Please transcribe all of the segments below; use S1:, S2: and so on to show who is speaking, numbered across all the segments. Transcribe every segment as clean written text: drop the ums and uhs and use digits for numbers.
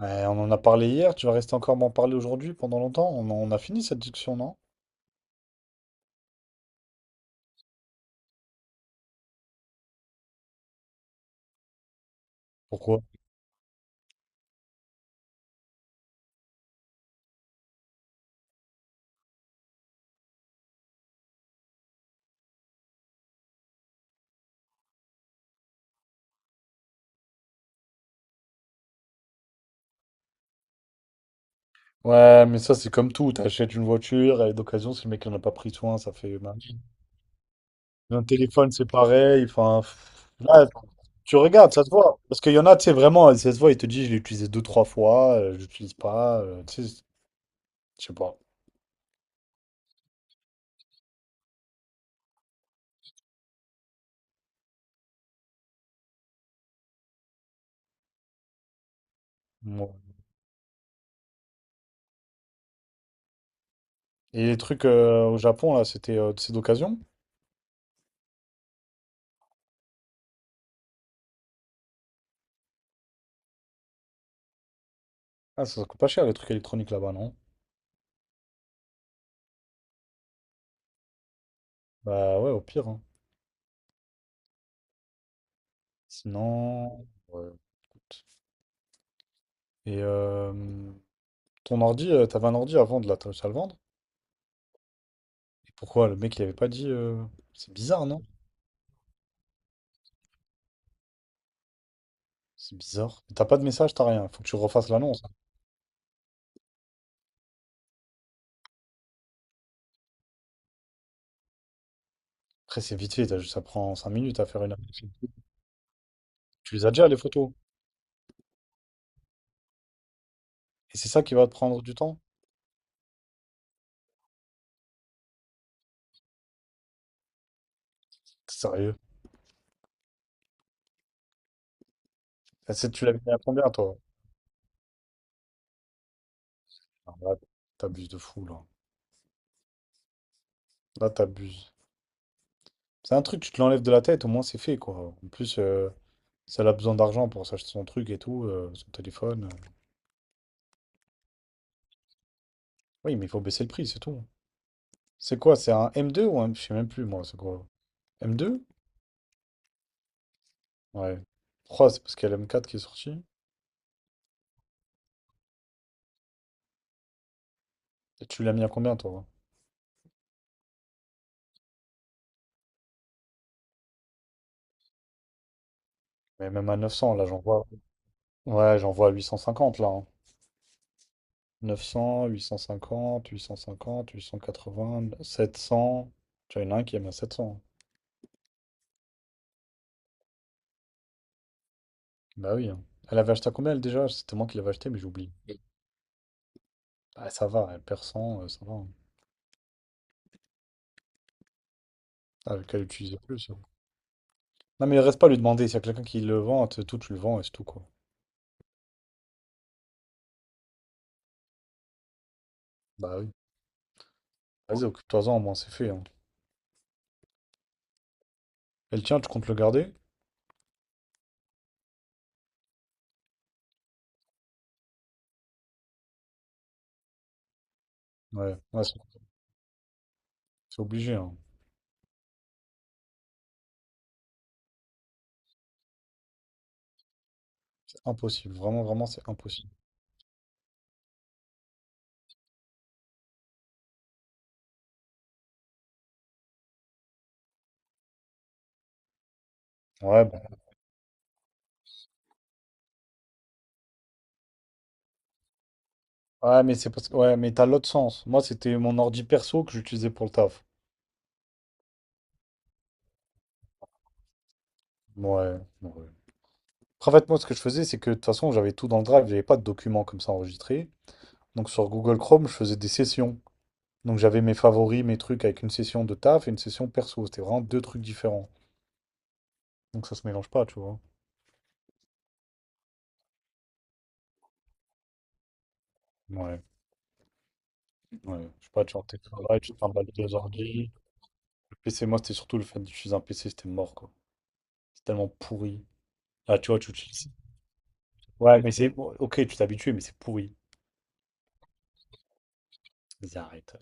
S1: Ouais, on en a parlé hier, tu vas rester encore m'en parler aujourd'hui pendant longtemps? On a fini cette discussion, non? Pourquoi? Ouais, mais ça c'est comme tout, t'achètes une voiture, elle est d'occasion, si le mec n'en a pas pris soin, ça fait mal. Un téléphone c'est pareil, enfin, pff, là, tu regardes, ça se voit. Parce qu'il y en a, tu sais, vraiment, ça se voit, il te dit, je l'ai utilisé deux, trois fois, je l'utilise pas, tu sais, je sais pas. Ouais. Et les trucs au Japon, là, c'est d'occasion? Ah, ça coûte pas cher les trucs électroniques là-bas, non? Bah ouais, au pire, hein. Sinon, ouais. Et ton ordi, t'avais un ordi à vendre là, t'as réussi à le vendre? Et pourquoi le mec il avait pas dit c'est bizarre, non? C'est bizarre. T'as pas de message, t'as rien. Faut que tu refasses l'annonce. Après, c'est vite fait, ça prend 5 minutes à faire une annonce. Tu les as déjà les photos. Et c'est ça qui va te prendre du temps? T'es sérieux? Tu l'avais mis à combien toi? Ah, là, t'abuses de fou là. Là, t'abuses. C'est un truc, tu te l'enlèves de la tête, au moins c'est fait quoi. En plus, si elle a besoin d'argent pour s'acheter son truc et tout, son téléphone. Oui, mais il faut baisser le prix, c'est tout. C'est quoi? C'est un M2 ou un, je sais même plus, moi, c'est quoi? M2? Ouais. Trois c'est parce qu'il y a le M4 qui est sorti. Et tu l'as mis à combien, toi? Mais même à 900, là, j'en vois. Ouais, j'en vois à 850, là, hein. 900, 850, 850, 880, 700. Tu vois, il y en a un qui est même à 700. Bah oui, hein. Elle avait acheté à combien, elle, déjà? C'était moi qui l'avais acheté, mais j'oublie. Bah, ça va, elle perd cent, ça va, hein. Ah, qu'elle l'utilisait plus, hein. Non, mais il reste pas à lui demander. S'il y a quelqu'un qui le vend, tout, tu le vends et c'est tout, quoi. Bah oui. Vas-y, occupe-toi-en, au moins, c'est fait, hein. Et le tien, tu comptes le garder? Ouais, ouais, c'est obligé, hein. C'est impossible. Vraiment, vraiment, c'est impossible. Ouais, bah, ouais, mais c'est parce que ouais, mais t'as l'autre sens. Moi, c'était mon ordi perso que j'utilisais pour le taf. Ouais, ouais. Après, en fait, moi, ce que je faisais, c'est que de toute façon, j'avais tout dans le drive, j'avais pas de documents comme ça enregistrés. Donc sur Google Chrome, je faisais des sessions. Donc j'avais mes favoris, mes trucs avec une session de taf et une session perso. C'était vraiment deux trucs différents. Donc ça se mélange pas, tu vois. Ouais, ouais. Je sais pas, tu rentres tes travail, tu te trimbales deux ordi. Le PC, moi, c'était surtout le fait d'utiliser un PC, c'était mort, quoi. C'est tellement pourri. Ah, tu vois, tu. Ouais, mais c'est bon, ok, tu t'es habitué, mais c'est pourri. Vas-y, arrête.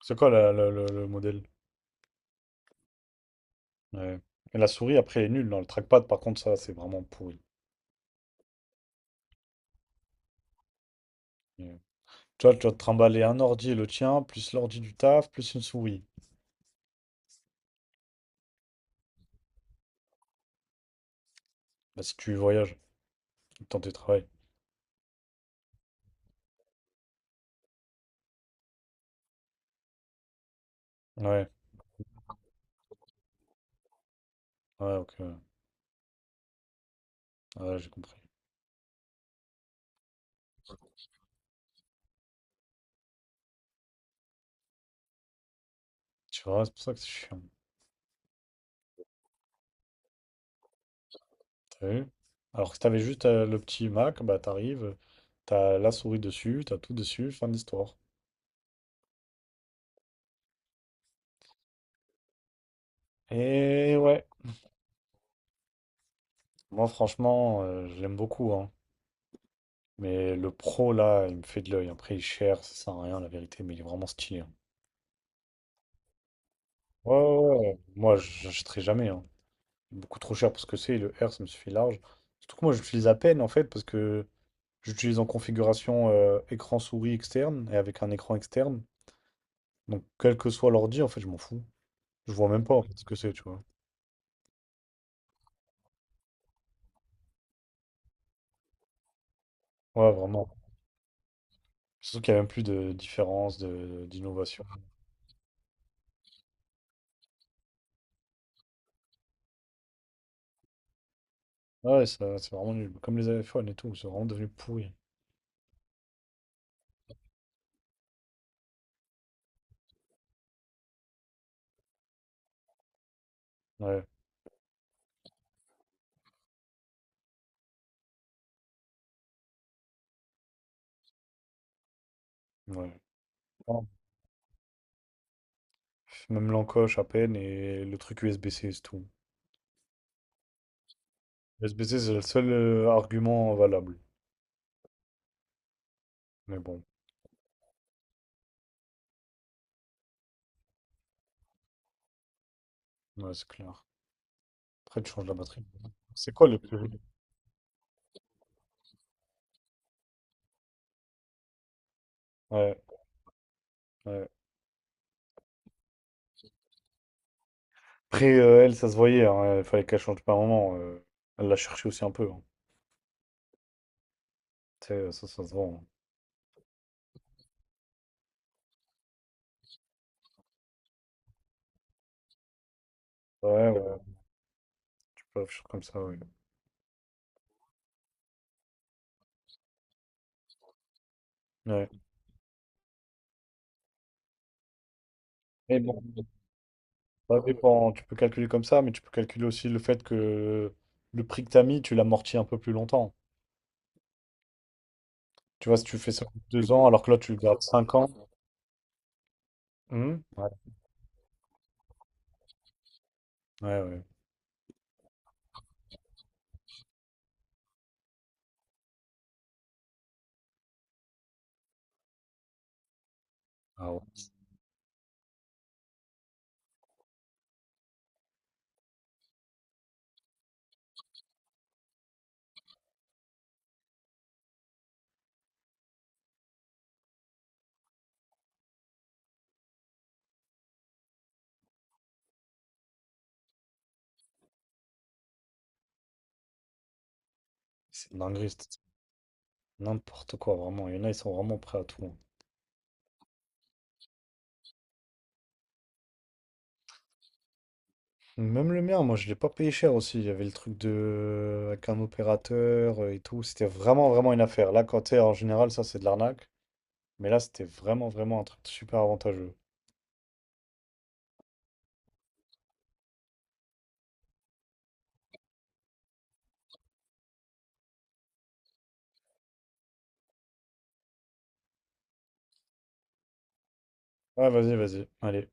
S1: C'est quoi le modèle? Ouais. Et la souris, après, elle est nulle. Non, le trackpad, par contre, ça, c'est vraiment pourri. Ouais. Tu vois, tu vas te trimballer un ordi, le tien, plus l'ordi du taf, plus une souris. Bah, si tu voyages, le temps de travail. Ouais, ouais, ok, ouais. Ouais, j'ai compris. Tu vois, c'est pour ça que c'est chiant. T'as vu? Alors que si t'avais juste le petit Mac, bah, t'arrives, t'as la souris dessus, t'as tout dessus, fin de l'histoire. Et ouais. Moi, franchement, je l'aime beaucoup, hein. Mais le pro, là, il me fait de l'œil. Après, il est cher, ça sert à rien, la vérité, mais il est vraiment stylé, hein. Ouais, ouais, ouais, ouais. Moi, j'achèterai jamais, hein. Beaucoup trop cher pour ce que c'est. Le R, ça me suffit large. Surtout que moi, j'utilise à peine, en fait, parce que j'utilise en configuration écran souris externe et avec un écran externe. Donc, quel que soit l'ordi, en fait, je m'en fous. Je vois même pas, en fait, ce que c'est, tu vois. Ouais, vraiment. Surtout qu'il n'y a même plus de différence, d'innovation. Ouais, c'est vraiment nul. Comme les iPhones et tout, c'est vraiment devenu pourri. Ouais. Ouais. Non, même l'encoche à peine et le truc USB-C, c'est tout. USB-C, c'est le seul argument valable. Mais bon, ouais, c'est clair. Après, tu changes la batterie. C'est quoi le plus. Ouais, ouais. Après, elle, ça se voyait, hein. Il fallait qu'elle change pas un moment. Elle l'a cherché aussi un peu, hein. Tu sais, ça se vend. Hein. Ouais, ouais. Tu peux afficher comme ça, ouais. Ouais. Mais bon, ça dépend. Tu peux calculer comme ça, mais tu peux calculer aussi le fait que le prix que t'as mis, tu l'amortis un peu plus longtemps. Tu vois, si tu fais ça en 2 ans, alors que là, tu le gardes 5 ans. Mmh. Ouais, ouais, ouais. Ah ouais, c'est une dinguerie, c'est n'importe quoi, vraiment. Il y en a, ils sont vraiment prêts à tout, hein. Même le mien, moi, je l'ai pas payé cher aussi. Il y avait le truc de, avec un opérateur et tout. C'était vraiment, vraiment une affaire. Là, quand t'es en général, ça, c'est de l'arnaque. Mais là, c'était vraiment, vraiment un truc super avantageux. Ouais, vas-y, vas-y. Allez.